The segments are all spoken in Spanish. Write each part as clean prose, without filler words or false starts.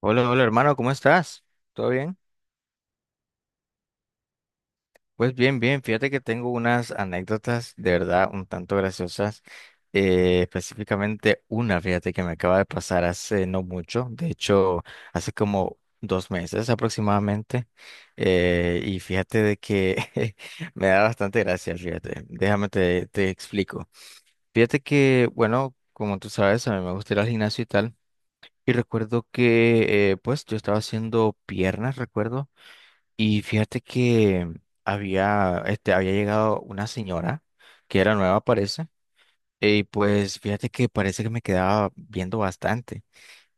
Hola, hola hermano, ¿cómo estás? ¿Todo bien? Pues bien, bien, fíjate que tengo unas anécdotas de verdad un tanto graciosas, específicamente una, fíjate que me acaba de pasar hace no mucho, de hecho hace como 2 meses aproximadamente, y fíjate de que me da bastante gracia, fíjate, déjame te explico. Fíjate que, bueno, como tú sabes, a mí me gusta ir al gimnasio y tal, y recuerdo que, pues yo estaba haciendo piernas, recuerdo. Y fíjate que había llegado una señora que era nueva, parece. Y pues fíjate que parece que me quedaba viendo bastante.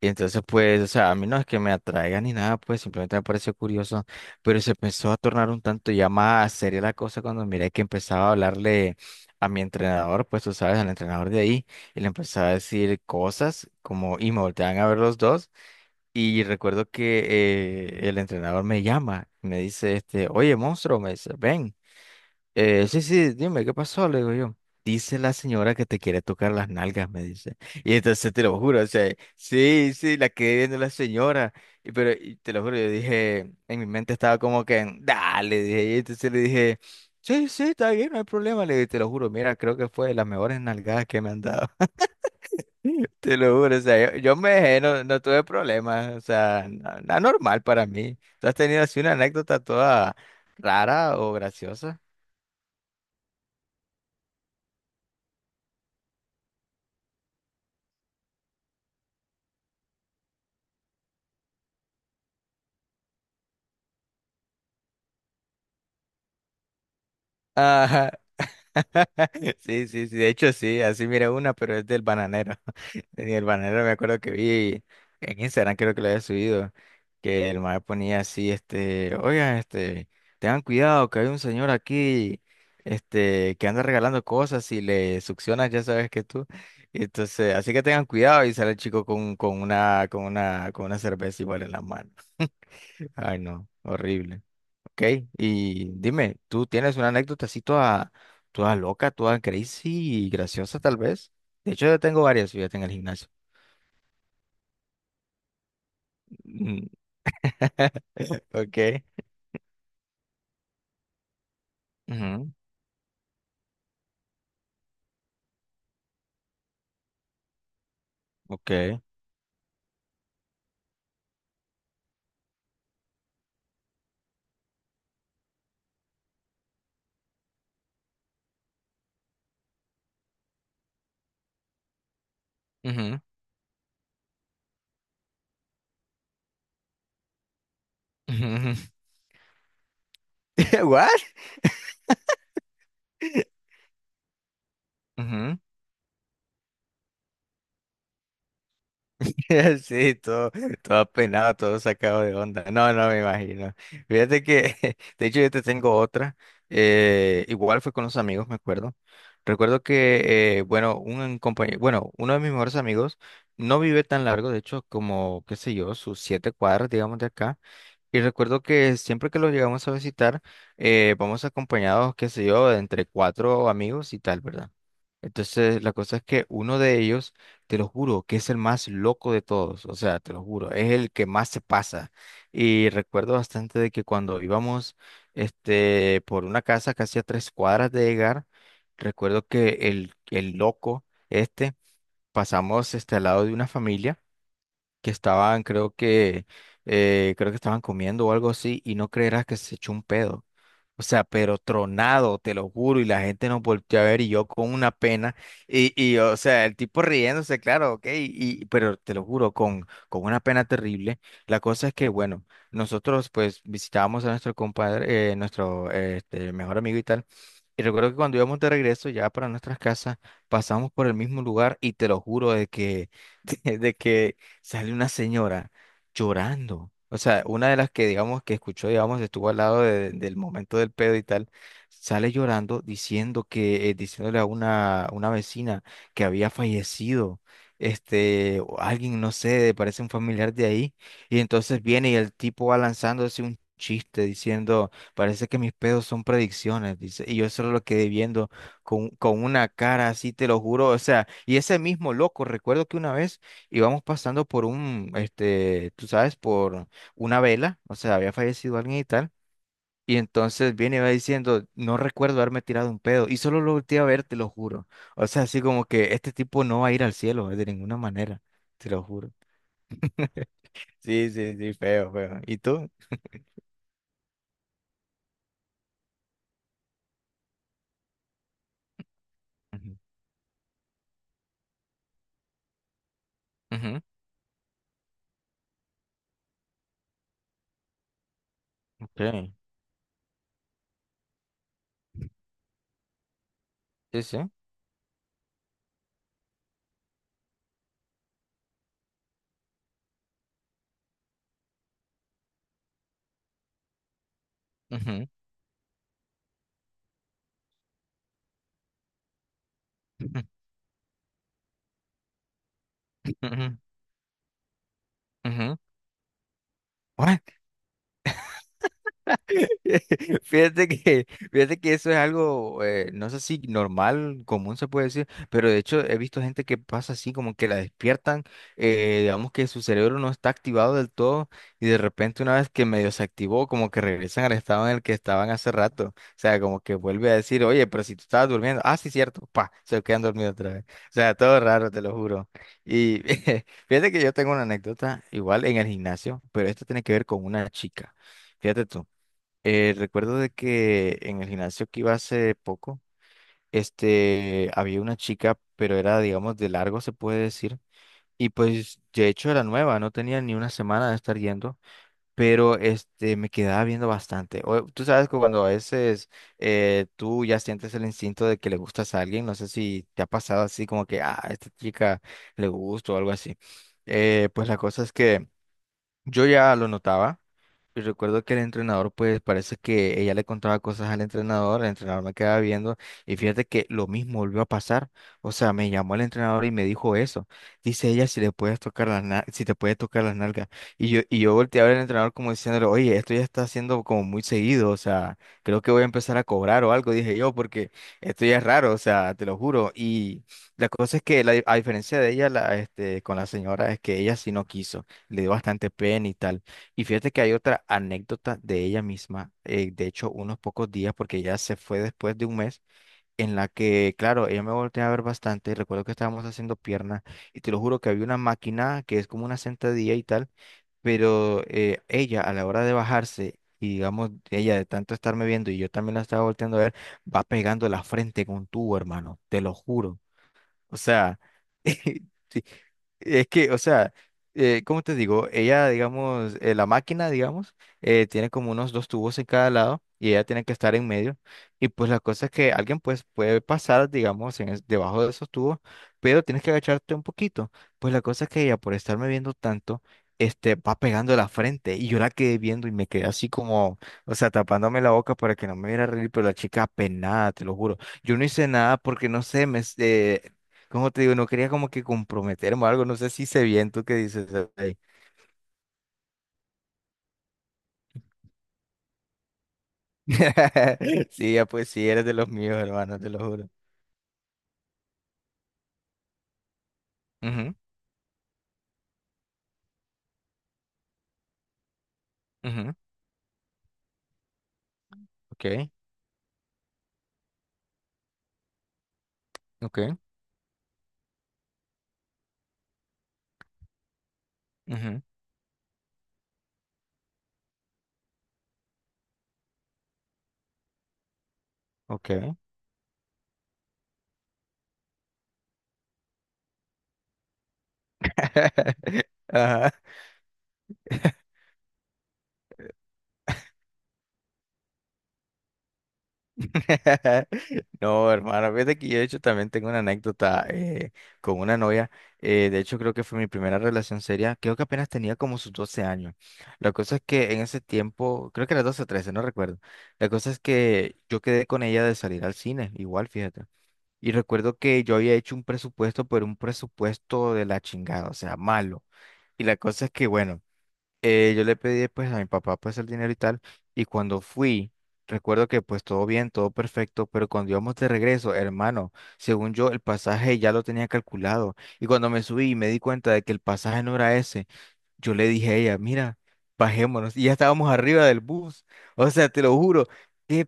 Y entonces, pues, o sea, a mí no es que me atraiga ni nada, pues simplemente me pareció curioso. Pero se empezó a tornar un tanto ya más seria la cosa cuando miré que empezaba a hablarle a mi entrenador, pues tú sabes, al entrenador de ahí. Y le empezaba a decir cosas como, y me volteaban a ver los dos. Y recuerdo que el entrenador me llama, me dice, oye, monstruo, me dice, ven. Sí, sí, dime, ¿qué pasó? Le digo yo. Dice la señora que te quiere tocar las nalgas, me dice. Y entonces te lo juro, o sea, sí, sí, la quedé viendo la señora. Pero te lo juro, yo dije, en mi mente estaba como que, dale, dije. Y entonces le dije, sí, sí, está bien, no hay problema. Le dije, te lo juro, mira, creo que fue de las mejores nalgadas que me han dado. Te lo juro, o sea, yo me dejé, no, no tuve problemas, o sea, nada normal para mí. ¿Tú has tenido así una anécdota toda rara o graciosa? Ajá. Sí, sí, sí, de hecho sí, así miré una, pero es del bananero. En el bananero me acuerdo que vi en Instagram, creo que lo había subido, que el mae ponía así, oigan, tengan cuidado que hay un señor aquí, que anda regalando cosas y le succionas, ya sabes que tú. Y entonces, así que tengan cuidado y sale el chico con una cerveza igual en la mano. Ay, no, horrible. Ok, y dime, ¿tú tienes una anécdota así toda, toda loca, toda crazy y graciosa tal vez? De hecho, yo tengo varias, fíjate, en el gimnasio. Mm. Ok. Ujú. Ok. Ujú, ujú, ujú. What? Ujú. Sí, todo, todo apenado, todo sacado de onda. No, no me imagino. Fíjate que, de hecho, yo te tengo otra. Igual fue con los amigos, me acuerdo. Recuerdo que, bueno, un compañero, bueno, uno de mis mejores amigos no vive tan largo, de hecho, como, qué sé yo, sus 7 cuadras, digamos, de acá. Y recuerdo que siempre que los llegamos a visitar, vamos acompañados, qué sé yo, de entre cuatro amigos y tal, ¿verdad? Entonces, la cosa es que uno de ellos, te lo juro, que es el más loco de todos, o sea, te lo juro, es el que más se pasa. Y recuerdo bastante de que cuando íbamos, por una casa casi a 3 cuadras de llegar, recuerdo que el loco, pasamos, al lado de una familia que estaban, creo que estaban comiendo o algo así, y no creerás que se echó un pedo. O sea, pero tronado, te lo juro, y la gente nos volteó a ver y yo con una pena, y o sea, el tipo riéndose, claro, ok, pero te lo juro, con una pena terrible. La cosa es que, bueno, nosotros pues visitábamos a nuestro compadre, nuestro mejor amigo y tal, y recuerdo que cuando íbamos de regreso ya para nuestras casas, pasamos por el mismo lugar y te lo juro de que, de que sale una señora llorando. O sea, una de las que, digamos, que escuchó, digamos, estuvo al lado del momento del pedo y tal, sale llorando diciendo que, diciéndole a una vecina que había fallecido, o alguien, no sé, parece un familiar de ahí, y entonces viene y el tipo va lanzándose un chiste diciendo, parece que mis pedos son predicciones, dice, y yo solo lo quedé viendo con una cara así, te lo juro, o sea, y ese mismo loco, recuerdo que una vez íbamos pasando por un, tú sabes, por una vela, o sea, había fallecido alguien y tal. Y entonces viene y va diciendo, no recuerdo haberme tirado un pedo. Y solo lo volteé a ver, te lo juro. O sea, así como que este tipo no va a ir al cielo de ninguna manera, te lo juro. Sí, sí, sí, feo, feo. ¿Y tú? Ujú, ujú, ok. Sí, sí. Ujú. Ujú, ujú, ujú. What? Fíjate que, fíjate que eso es algo, no sé si normal, común se puede decir, pero de hecho he visto gente que pasa así, como que la despiertan, digamos que su cerebro no está activado del todo y de repente una vez que medio se activó, como que regresan al estado en el que estaban hace rato, o sea, como que vuelve a decir, oye, pero si tú estabas durmiendo, ah, sí, cierto, pa, se quedan dormidos otra vez, o sea, todo raro, te lo juro. Y fíjate que yo tengo una anécdota igual en el gimnasio, pero esto tiene que ver con una chica, fíjate tú. Recuerdo de que en el gimnasio que iba hace poco, había una chica, pero era, digamos, de largo, se puede decir. Y pues, de hecho, era nueva, no tenía ni una semana de estar yendo, pero me quedaba viendo bastante. Tú sabes que cuando a veces tú ya sientes el instinto de que le gustas a alguien, no sé si te ha pasado así como que, ah, a esta chica le gusto o algo así. Pues la cosa es que... Yo ya lo notaba y recuerdo que el entrenador, pues parece que ella le contaba cosas al entrenador, el entrenador me quedaba viendo y fíjate que lo mismo volvió a pasar. O sea, me llamó el entrenador y me dijo eso. Dice ella si le puedes tocar las na- si te puede tocar las nalgas. Y yo volteé a ver al entrenador como diciéndole, oye, esto ya está haciendo como muy seguido, o sea, creo que voy a empezar a cobrar o algo, dije yo, porque esto ya es raro, o sea, te lo juro. Y la cosa es que a diferencia de ella, con la señora, es que ella sí no quiso, le dio bastante pena y tal. Y fíjate que hay otra anécdota de ella misma, de hecho, unos pocos días, porque ella se fue después de un mes, en la que, claro, ella me volteó a ver bastante, y recuerdo que estábamos haciendo piernas, y te lo juro que había una máquina que es como una sentadilla y tal, pero ella a la hora de bajarse, y digamos, ella de tanto estarme viendo y yo también la estaba volteando a ver, va pegando la frente con un tubo, hermano, te lo juro. O sea, es que, o sea, ¿cómo te digo? Ella, digamos, la máquina, digamos, tiene como unos dos tubos en cada lado y ella tiene que estar en medio. Y pues la cosa es que alguien pues puede pasar, digamos, debajo de esos tubos, pero tienes que agacharte un poquito. Pues la cosa es que ella, por estarme viendo tanto, va pegando la frente y yo la quedé viendo y me quedé así como, o sea, tapándome la boca para que no me viera reír, pero la chica apenada, te lo juro. Yo no hice nada porque no sé, como te digo, no quería como que comprometerme o algo, no sé si sé bien tú qué dices ahí. Sí, ya pues sí, eres de los míos, hermano, te lo juro. Ujú, ujú, ok, ok, ujú, ok. Ajá. No, hermano, fíjate que yo de hecho también tengo una anécdota con una novia. De hecho, creo que fue mi primera relación seria. Creo que apenas tenía como sus 12 años. La cosa es que en ese tiempo, creo que era 12 o 13, no recuerdo. La cosa es que yo quedé con ella de salir al cine, igual, fíjate. Y recuerdo que yo había hecho un presupuesto, pero un presupuesto de la chingada, o sea, malo. Y la cosa es que, bueno, yo le pedí pues a mi papá pues el dinero y tal, y cuando fui, recuerdo que pues todo bien, todo perfecto, pero cuando íbamos de regreso, hermano, según yo el pasaje ya lo tenía calculado, y cuando me subí me di cuenta de que el pasaje no era ese, yo le dije a ella, mira, bajémonos. Y ya estábamos arriba del bus. O sea, te lo juro, qué,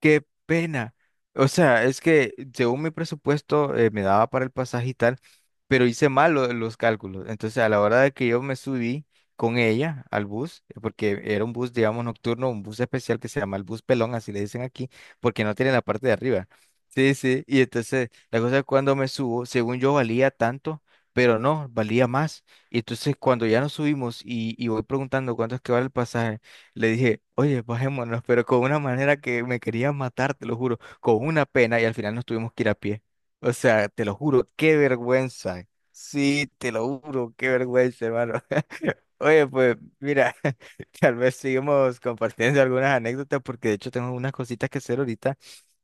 qué pena. O sea, es que según mi presupuesto me daba para el pasaje y tal, pero hice mal los cálculos. Entonces, a la hora de que yo me subí con ella al bus, porque era un bus, digamos, nocturno, un bus especial que se llama el bus pelón, así le dicen aquí, porque no tiene la parte de arriba. Sí, sí. Y entonces, la cosa es cuando me subo, según yo valía tanto, pero no, valía más. Y entonces cuando ya nos subimos y voy preguntando cuánto es que vale el pasaje, le dije, oye, bajémonos, pero con una manera que me quería matar, te lo juro, con una pena y al final nos tuvimos que ir a pie. O sea, te lo juro, qué vergüenza. Sí, te lo juro, qué vergüenza, hermano. Oye, pues mira, tal vez sigamos compartiendo algunas anécdotas porque de hecho tengo unas cositas que hacer ahorita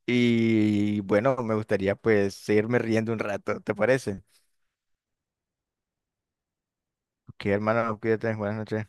y bueno, me gustaría pues seguirme riendo un rato, ¿te parece? Ok, hermano, cuídate, buenas noches.